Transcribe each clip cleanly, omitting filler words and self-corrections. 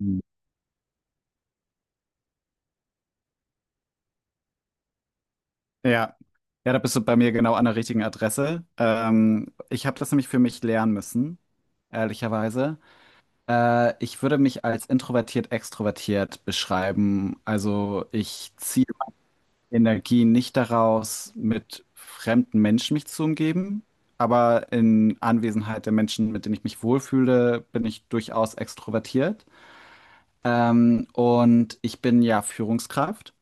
Mhm. Ja. Ja, da bist du bei mir genau an der richtigen Adresse. Ich habe das nämlich für mich lernen müssen, ehrlicherweise. Ich würde mich als introvertiert extrovertiert beschreiben. Also ich ziehe meine Energie nicht daraus, mit fremden Menschen mich zu umgeben, aber in Anwesenheit der Menschen, mit denen ich mich wohlfühle, bin ich durchaus extrovertiert. Und ich bin ja Führungskraft.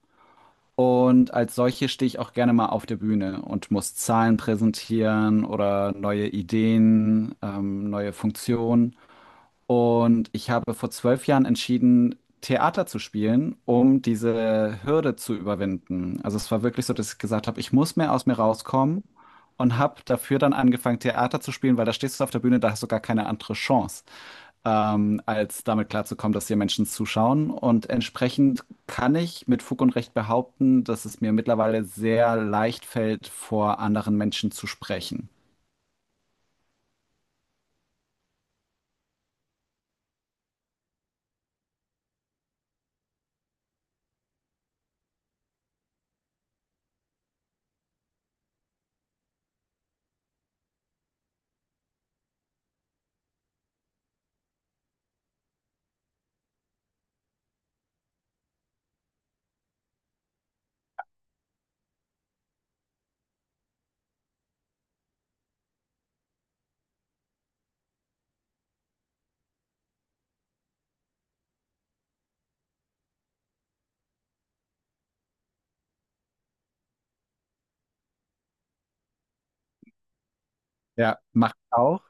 Und als solche stehe ich auch gerne mal auf der Bühne und muss Zahlen präsentieren oder neue Ideen, neue Funktionen. Und ich habe vor 12 Jahren entschieden, Theater zu spielen, um diese Hürde zu überwinden. Also es war wirklich so, dass ich gesagt habe, ich muss mehr aus mir rauskommen und habe dafür dann angefangen, Theater zu spielen, weil da stehst du auf der Bühne, da hast du gar keine andere Chance als damit klarzukommen, dass hier Menschen zuschauen. Und entsprechend kann ich mit Fug und Recht behaupten, dass es mir mittlerweile sehr leicht fällt, vor anderen Menschen zu sprechen. Ja. Macht auch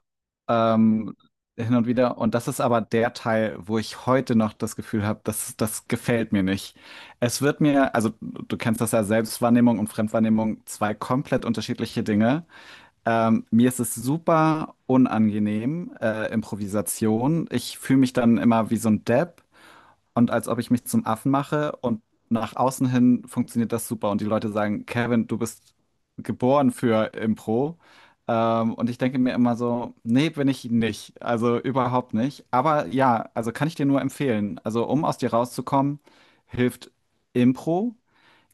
ähm, hin und wieder. Und das ist aber der Teil, wo ich heute noch das Gefühl habe, dass das gefällt mir nicht. Es wird mir, also du kennst das ja, Selbstwahrnehmung und Fremdwahrnehmung, zwei komplett unterschiedliche Dinge. Mir ist es super unangenehm, Improvisation. Ich fühle mich dann immer wie so ein Depp und als ob ich mich zum Affen mache und nach außen hin funktioniert das super und die Leute sagen, Kevin, du bist geboren für Impro. Und ich denke mir immer so, nee, bin ich nicht. Also überhaupt nicht. Aber ja, also kann ich dir nur empfehlen. Also um aus dir rauszukommen, hilft Impro.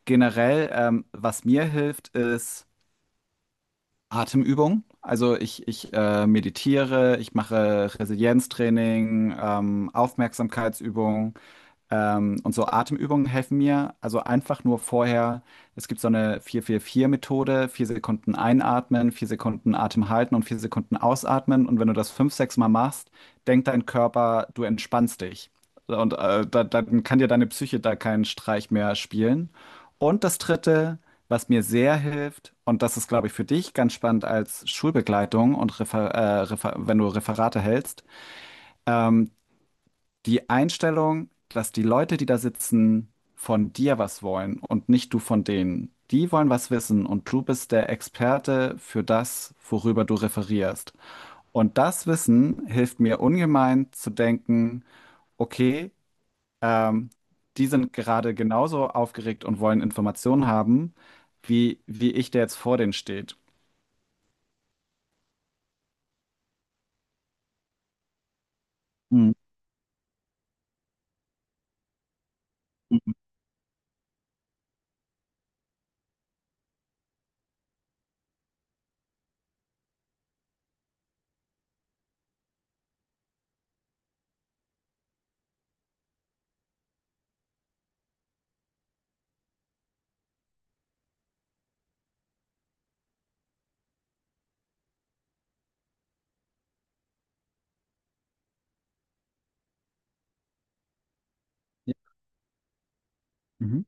Generell, was mir hilft, ist Atemübung. Also ich meditiere, ich mache Resilienztraining, Aufmerksamkeitsübungen. Und so Atemübungen helfen mir. Also einfach nur vorher, es gibt so eine vier vier vier methode vier Sekunden einatmen, vier Sekunden Atem halten und vier Sekunden ausatmen. Und wenn du das fünf, sechs Mal machst, denkt dein Körper, du entspannst dich. So. Und dann kann dir deine Psyche da keinen Streich mehr spielen. Und das Dritte, was mir sehr hilft, und das ist, glaube ich, für dich ganz spannend als Schulbegleitung und Refer Refer wenn du Referate hältst, ähm, die Einstellung, dass die Leute, die da sitzen, von dir was wollen und nicht du von denen. Die wollen was wissen und du bist der Experte für das, worüber du referierst. Und das Wissen hilft mir ungemein zu denken, okay, ähm, die sind gerade genauso aufgeregt und wollen Informationen haben, wie ich, der jetzt vor denen steht. Mhm. Mhm.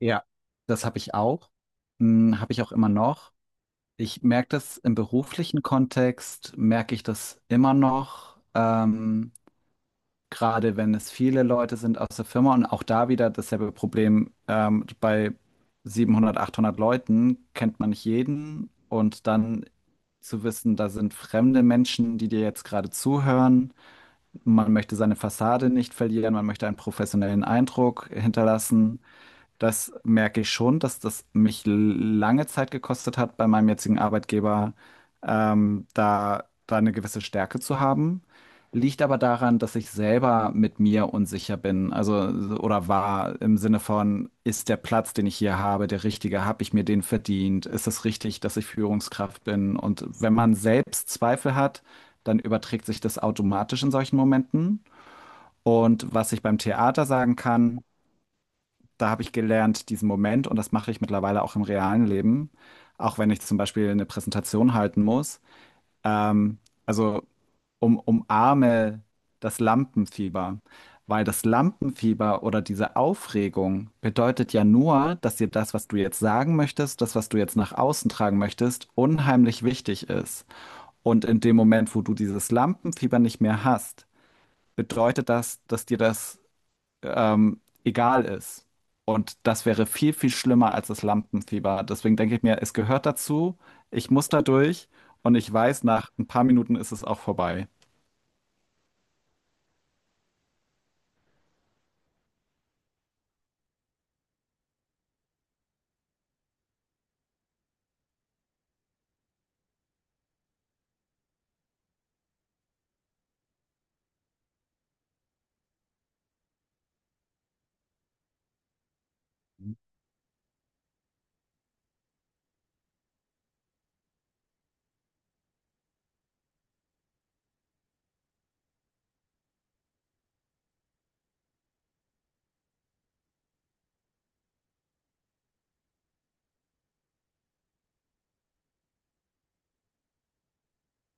Ja, das habe ich auch. Hm, habe ich auch immer noch. Ich merke das im beruflichen Kontext, merke ich das immer noch, gerade wenn es viele Leute sind aus der Firma und auch da wieder dasselbe Problem. Bei 700, 800 Leuten kennt man nicht jeden und dann zu wissen, da sind fremde Menschen, die dir jetzt gerade zuhören. Man möchte seine Fassade nicht verlieren, man möchte einen professionellen Eindruck hinterlassen, das merke ich schon, dass das mich lange Zeit gekostet hat, bei meinem jetzigen Arbeitgeber, da eine gewisse Stärke zu haben. Liegt aber daran, dass ich selber mit mir unsicher bin, also oder war im Sinne von, ist der Platz, den ich hier habe, der richtige? Habe ich mir den verdient? Ist es richtig, dass ich Führungskraft bin? Und wenn man selbst Zweifel hat, dann überträgt sich das automatisch in solchen Momenten. Und was ich beim Theater sagen kann, da habe ich gelernt, diesen Moment, und das mache ich mittlerweile auch im realen Leben, auch wenn ich zum Beispiel eine Präsentation halten muss, ähm, also umarme das Lampenfieber. Weil das Lampenfieber oder diese Aufregung bedeutet ja nur, dass dir das, was du jetzt sagen möchtest, das, was du jetzt nach außen tragen möchtest, unheimlich wichtig ist. Und in dem Moment, wo du dieses Lampenfieber nicht mehr hast, bedeutet das, dass dir das egal ist. Und das wäre viel, viel schlimmer als das Lampenfieber. Deswegen denke ich mir, es gehört dazu, ich muss da durch und ich weiß, nach ein paar Minuten ist es auch vorbei.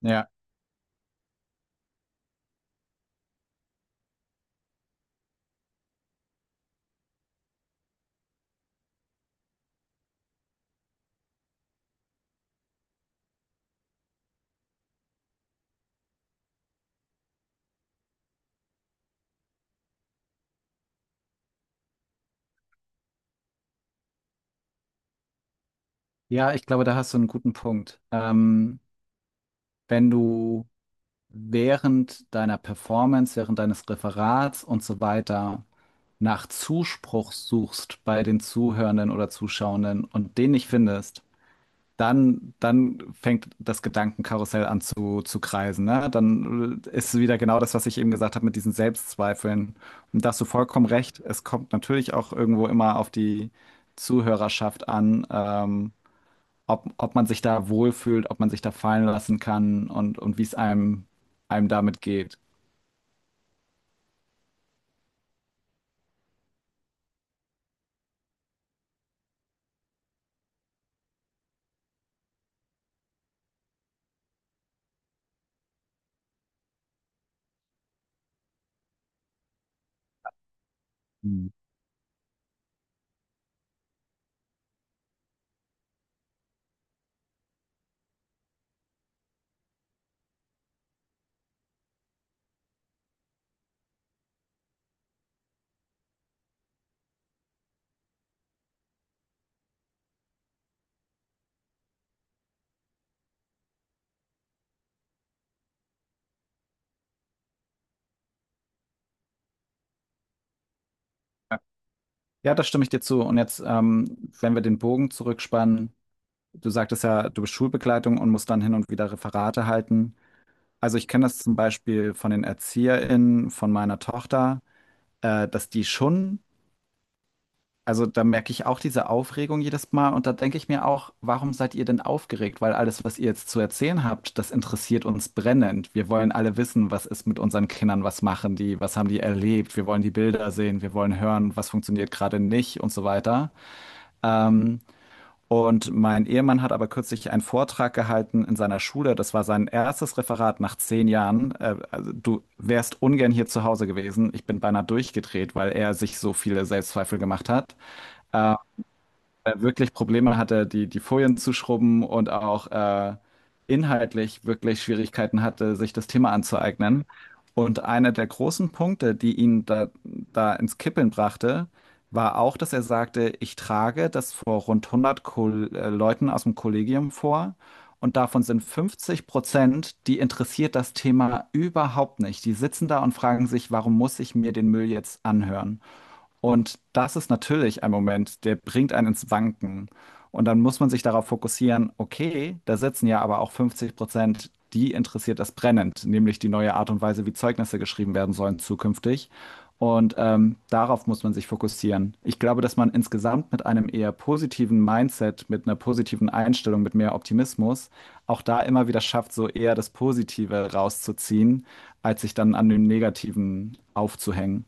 Ja, ja, ich glaube, da hast du einen guten Punkt. Wenn du während deiner Performance, während deines Referats und so weiter nach Zuspruch suchst bei den Zuhörenden oder Zuschauenden und den nicht findest, dann fängt das Gedankenkarussell an zu kreisen, ne? Dann ist wieder genau das, was ich eben gesagt habe mit diesen Selbstzweifeln. Und da hast du vollkommen recht. Es kommt natürlich auch irgendwo immer auf die Zuhörerschaft an, ob man sich da wohlfühlt, ob man sich da fallen lassen kann und wie es einem damit geht. Mhm. Ja, da stimme ich dir zu. Und jetzt, wenn wir den Bogen zurückspannen, du sagtest ja, du bist Schulbegleitung und musst dann hin und wieder Referate halten. Also ich kenne das zum Beispiel von den ErzieherInnen von meiner Tochter, dass die schon, also da merke ich auch diese Aufregung jedes Mal und da denke ich mir auch, warum seid ihr denn aufgeregt? Weil alles, was ihr jetzt zu erzählen habt, das interessiert uns brennend. Wir wollen alle wissen, was ist mit unseren Kindern, was machen die, was haben die erlebt, wir wollen die Bilder sehen, wir wollen hören, was funktioniert gerade nicht und so weiter. Ähm, und mein Ehemann hat aber kürzlich einen Vortrag gehalten in seiner Schule. Das war sein erstes Referat nach 10 Jahren. Also du wärst ungern hier zu Hause gewesen. Ich bin beinahe durchgedreht, weil er sich so viele Selbstzweifel gemacht hat. Ähm, Wirklich Probleme hatte, die Folien zu schrubben und auch inhaltlich wirklich Schwierigkeiten hatte, sich das Thema anzueignen. Und einer der großen Punkte, die ihn da ins Kippeln brachte, war auch, dass er sagte, ich trage das vor rund 100 Ko Leuten aus dem Kollegium vor. Und davon sind 50%, die interessiert das Thema überhaupt nicht. Die sitzen da und fragen sich, warum muss ich mir den Müll jetzt anhören? Und das ist natürlich ein Moment, der bringt einen ins Wanken. Und dann muss man sich darauf fokussieren, okay, da sitzen ja aber auch 50%, die interessiert das brennend, nämlich die neue Art und Weise, wie Zeugnisse geschrieben werden sollen zukünftig. Und darauf muss man sich fokussieren. Ich glaube, dass man insgesamt mit einem eher positiven Mindset, mit einer positiven Einstellung, mit mehr Optimismus, auch da immer wieder schafft, so eher das Positive rauszuziehen, als sich dann an dem Negativen aufzuhängen.